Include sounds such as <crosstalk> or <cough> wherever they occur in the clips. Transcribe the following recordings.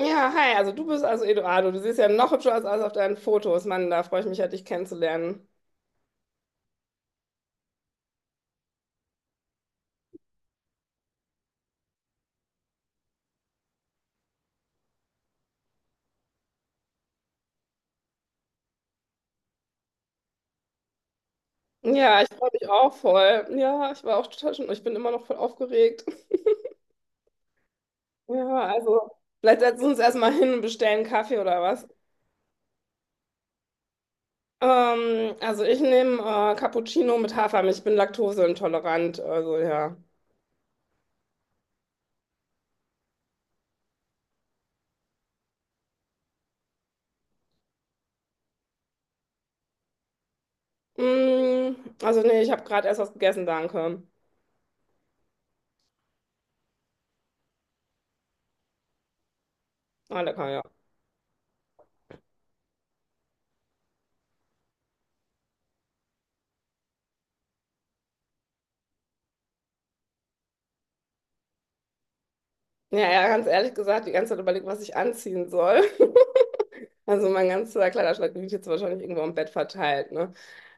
Ja, hi, also du bist also Eduardo. Du siehst ja noch hübscher aus als auf deinen Fotos. Mann, da freue ich mich ja, dich kennenzulernen. Ja, ich freue mich auch voll. Ja, ich war auch total schon, ich bin immer noch voll aufgeregt. Ja, also vielleicht setzen wir uns erstmal hin und bestellen Kaffee oder was. Also ich nehme Cappuccino mit Hafermilch. Ich bin laktoseintolerant, also ja. Mm. Also nee, ich habe gerade erst was gegessen, danke. Ah, lecker, ja. Ja, ja, ganz ehrlich gesagt, die ganze Zeit überlegt, was ich anziehen soll. <laughs> Also mein ganzer Kleiderschrank liegt jetzt wahrscheinlich irgendwo im Bett verteilt, ne?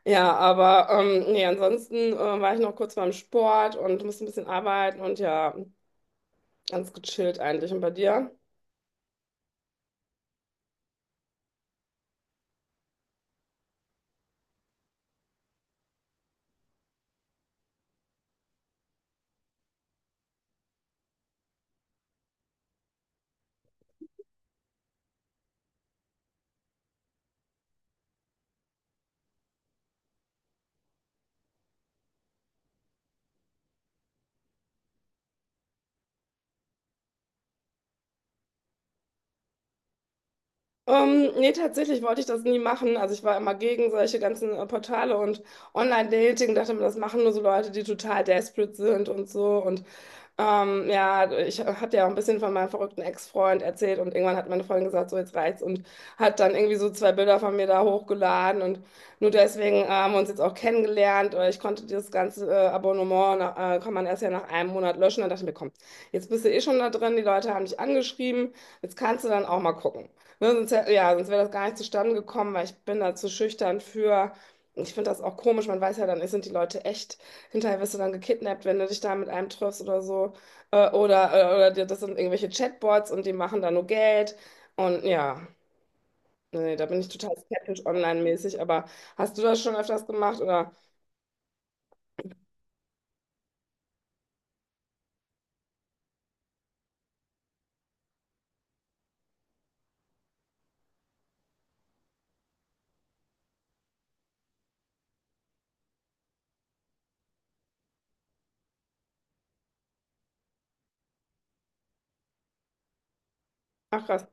Ja, aber nee, ansonsten war ich noch kurz beim Sport und musste ein bisschen arbeiten und ja, ganz gechillt eigentlich. Und bei dir? Nee, tatsächlich wollte ich das nie machen. Also ich war immer gegen solche ganzen Portale und Online-Dating, dachte mir, das machen nur so Leute, die total desperate sind und so. Und ja, ich hatte ja auch ein bisschen von meinem verrückten Ex-Freund erzählt und irgendwann hat meine Freundin gesagt, so jetzt reicht's und hat dann irgendwie so zwei Bilder von mir da hochgeladen und nur deswegen haben wir uns jetzt auch kennengelernt. Ich konnte dieses ganze Abonnement, kann man erst ja nach einem Monat löschen. Dann dachte ich mir, komm, jetzt bist du eh schon da drin, die Leute haben dich angeschrieben, jetzt kannst du dann auch mal gucken. Ne, sonst, ja, sonst wäre das gar nicht zustande gekommen, weil ich bin da zu schüchtern für. Ich finde das auch komisch, man weiß ja dann, sind die Leute echt, hinterher wirst du dann gekidnappt, wenn du dich da mit einem triffst oder so. Oder das sind irgendwelche Chatbots und die machen da nur Geld. Und ja, nee, da bin ich total skeptisch online-mäßig, aber hast du das schon öfters gemacht oder? Ach krass.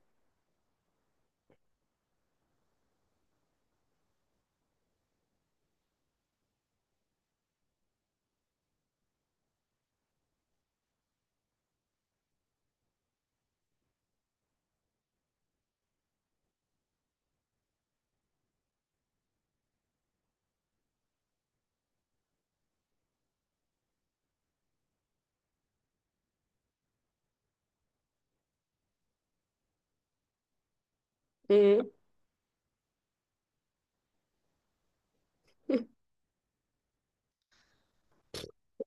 Mhm.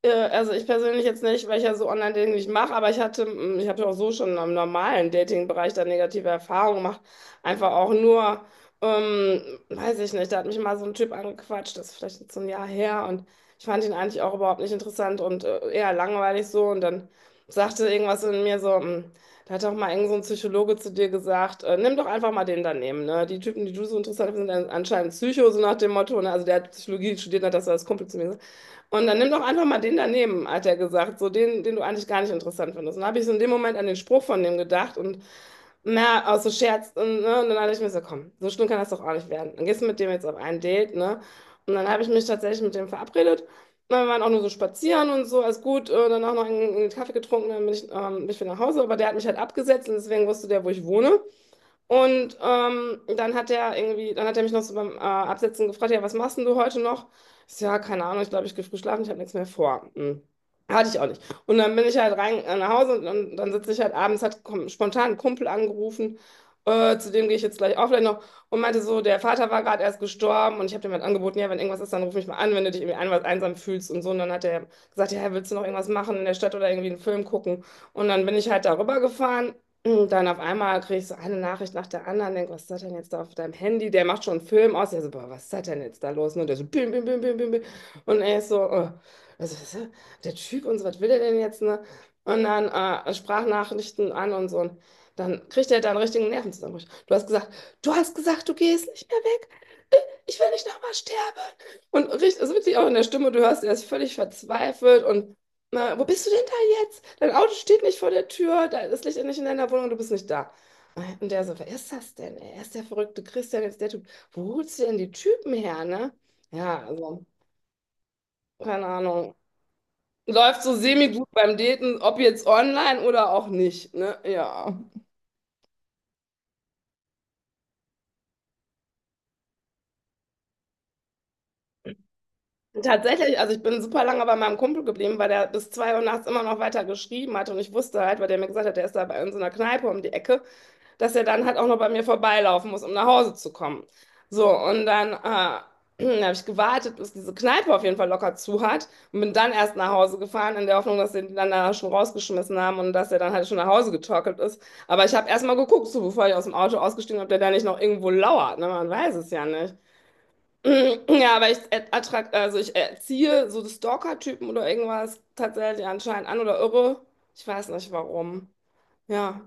Also ich persönlich jetzt nicht, weil ich ja so Online-Dating nicht mache, aber ich habe ja auch so schon im normalen Dating-Bereich da negative Erfahrungen gemacht. Einfach auch nur, ähm, weiß ich nicht, da hat mich mal so ein Typ angequatscht, das ist vielleicht jetzt so ein Jahr her und ich fand ihn eigentlich auch überhaupt nicht interessant und eher langweilig so und dann sagte irgendwas in mir so, da hat auch mal irgend so ein Psychologe zu dir gesagt, nimm doch einfach mal den daneben, ne? Die Typen, die du so interessant findest, sind anscheinend Psycho, so nach dem Motto, ne? Also der hat Psychologie studiert, hat das als Kumpel zu mir und dann nimm doch einfach mal den daneben, hat er gesagt, so den, den du eigentlich gar nicht interessant findest. Und dann habe ich so in dem Moment an den Spruch von dem gedacht und na, aus so Scherz. Und, ne, und dann dachte ich mir so, komm, so schlimm kann das doch auch nicht werden. Dann gehst du mit dem jetzt auf ein Date, ne? Und dann habe ich mich tatsächlich mit dem verabredet. Und wir waren auch nur so spazieren und so, alles gut. Dann auch noch einen Kaffee getrunken, dann bin ich wieder nach Hause. Aber der hat mich halt abgesetzt und deswegen wusste der, wo ich wohne. Und dann hat er mich noch so beim Absetzen gefragt, ja, was machst denn du heute noch? Ich so, ja, keine Ahnung, ich glaube, ich gehe früh schlafen, ich habe nichts mehr vor. Hm. Hatte ich auch nicht. Und dann bin ich halt rein nach Hause und, dann sitze ich halt abends, hat spontan einen Kumpel angerufen, zu dem gehe ich jetzt gleich auch vielleicht noch und meinte so, der Vater war gerade erst gestorben und ich habe dem halt angeboten, ja, wenn irgendwas ist, dann ruf mich mal an, wenn du dich irgendwie einsam fühlst und so. Und dann hat er gesagt, ja, willst du noch irgendwas machen in der Stadt oder irgendwie einen Film gucken? Und dann bin ich halt darüber gefahren und dann auf einmal kriege ich so eine Nachricht nach der anderen, denk, was ist das denn jetzt da auf deinem Handy? Der macht schon einen Film aus. Ja, so, boah, was ist das denn jetzt da los? Und der so, bim, bim, bim, bim, bim, bim. Und er ist so, was ist das? Der Typ und so, was will der denn jetzt, ne? Und dann Sprachnachrichten an und so. Und dann kriegt er da einen richtigen Nervenzusammenbruch. Du hast gesagt, du gehst nicht mehr weg. Ich will nicht nochmal sterben. Und richtig, ist wirklich auch in der Stimme, du hörst, er ist völlig verzweifelt und na, wo bist du denn da jetzt? Dein Auto steht nicht vor der Tür, da das Licht ist nicht in deiner Wohnung, du bist nicht da. Und der so, wer ist das denn? Er ist der verrückte Christian, jetzt der Typ. Wo holst du denn die Typen her, ne? Ja, also, keine Ahnung. Läuft so semi-gut beim Daten, ob jetzt online oder auch nicht, ne? Ja. Tatsächlich, also ich bin super lange bei meinem Kumpel geblieben, weil der bis 2 Uhr nachts immer noch weiter geschrieben hat und ich wusste halt, weil der mir gesagt hat, der ist da bei in so einer Kneipe um die Ecke, dass er dann halt auch noch bei mir vorbeilaufen muss, um nach Hause zu kommen. So, und dann, <clears throat> dann habe ich gewartet, bis diese Kneipe auf jeden Fall locker zu hat und bin dann erst nach Hause gefahren, in der Hoffnung, dass sie ihn dann da schon rausgeschmissen haben und dass er dann halt schon nach Hause getorkelt ist. Aber ich habe erst mal geguckt, so bevor ich aus dem Auto ausgestiegen bin, ob der da nicht noch irgendwo lauert. Ne? Man weiß es ja nicht. <clears throat> Ja, aber ich, attrakt, also ich erziehe so Stalker-Typen oder irgendwas tatsächlich anscheinend an oder irre. Ich weiß nicht warum. Ja,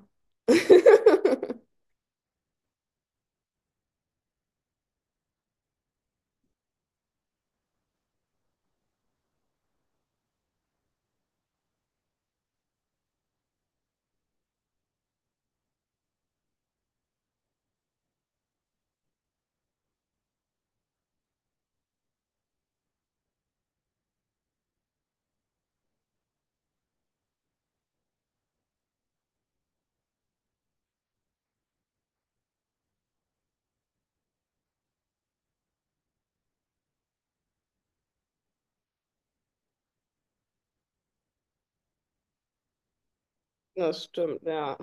das stimmt, ja.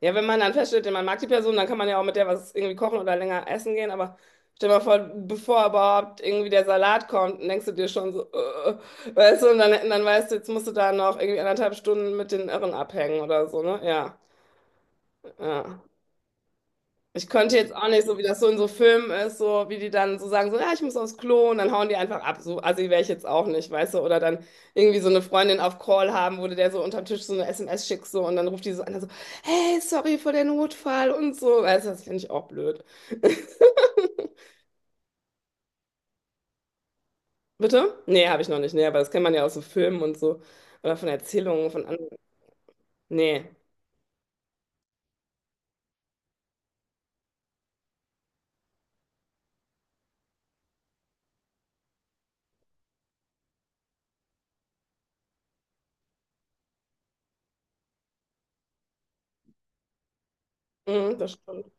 Ja, wenn man dann feststellt, man mag die Person, dann kann man ja auch mit der was irgendwie kochen oder länger essen gehen. Aber stell dir mal vor, bevor überhaupt irgendwie der Salat kommt, denkst du dir schon so, weißt du, und dann weißt du, jetzt musst du da noch irgendwie anderthalb Stunden mit den Irren abhängen oder so, ne? Ja, ja. Ich könnte jetzt auch nicht, so wie das so in so Filmen ist, so wie die dann so sagen, so, ja, ich muss aufs Klo und dann hauen die einfach ab. So assi wäre ich jetzt auch nicht, weißt du? Oder dann irgendwie so eine Freundin auf Call haben, wo du der so unterm Tisch so eine SMS schickst so, und dann ruft die so an, so, hey, sorry für den Notfall und so. Weißt du, das finde ich auch blöd. <laughs> Bitte? Nee, habe ich noch nicht. Nee, aber das kennt man ja aus so Filmen und so. Oder von Erzählungen von anderen. Nee. Mhm, das stimmt.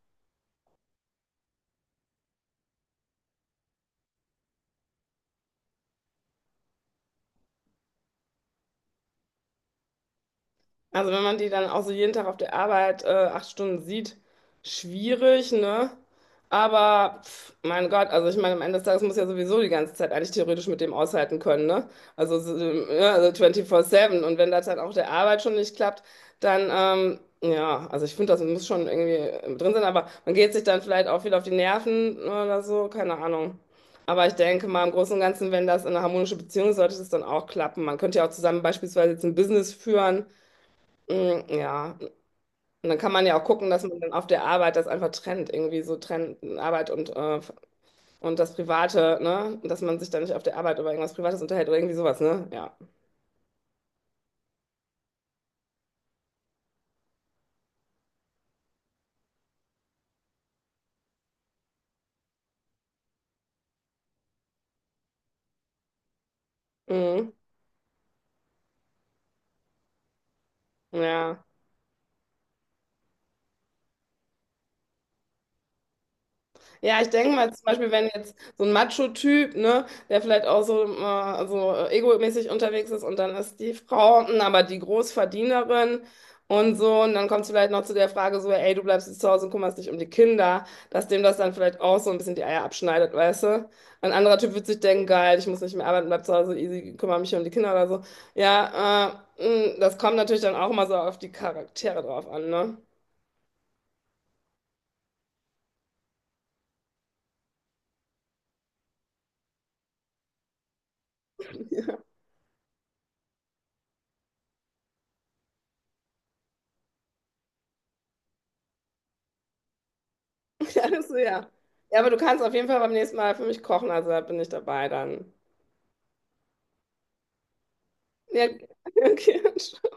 Also wenn man die dann auch so jeden Tag auf der Arbeit 8 Stunden sieht, schwierig, ne? Aber pf, mein Gott, also ich meine, am Ende des Tages muss ja sowieso die ganze Zeit eigentlich theoretisch mit dem aushalten können, ne? Also, so, ja, also 24/7. Und wenn das halt auch der Arbeit schon nicht klappt, dann, ja, also ich finde, das muss schon irgendwie drin sein, aber man geht sich dann vielleicht auch viel auf die Nerven ne, oder so, keine Ahnung. Aber ich denke mal, im Großen und Ganzen, wenn das in eine harmonische Beziehung ist, sollte das dann auch klappen. Man könnte ja auch zusammen beispielsweise jetzt ein Business führen. Mm. Ja. Und dann kann man ja auch gucken, dass man dann auf der Arbeit das einfach trennt, irgendwie so trennt Arbeit und das Private, ne? Dass man sich dann nicht auf der Arbeit über irgendwas Privates unterhält oder irgendwie sowas, ne? Ja. Mhm. Ja. Ja, ich denke mal zum Beispiel, wenn jetzt so ein Macho-Typ, ne, der vielleicht auch so, so egomäßig unterwegs ist und dann ist die Frau, hm, aber die Großverdienerin und so, und dann kommt es vielleicht noch zu der Frage so, ey, du bleibst jetzt zu Hause und kümmerst dich um die Kinder, dass dem das dann vielleicht auch so ein bisschen die Eier abschneidet, weißt du? Ein anderer Typ wird sich denken, geil, ich muss nicht mehr arbeiten, bleib zu Hause, easy, kümmere mich um die Kinder oder so. Ja, das kommt natürlich dann auch immer so auf die Charaktere drauf an, ne? <laughs> Also, ja. Ja, aber du kannst auf jeden Fall beim nächsten Mal für mich kochen, also da bin ich dabei dann. Ja, <laughs> okay.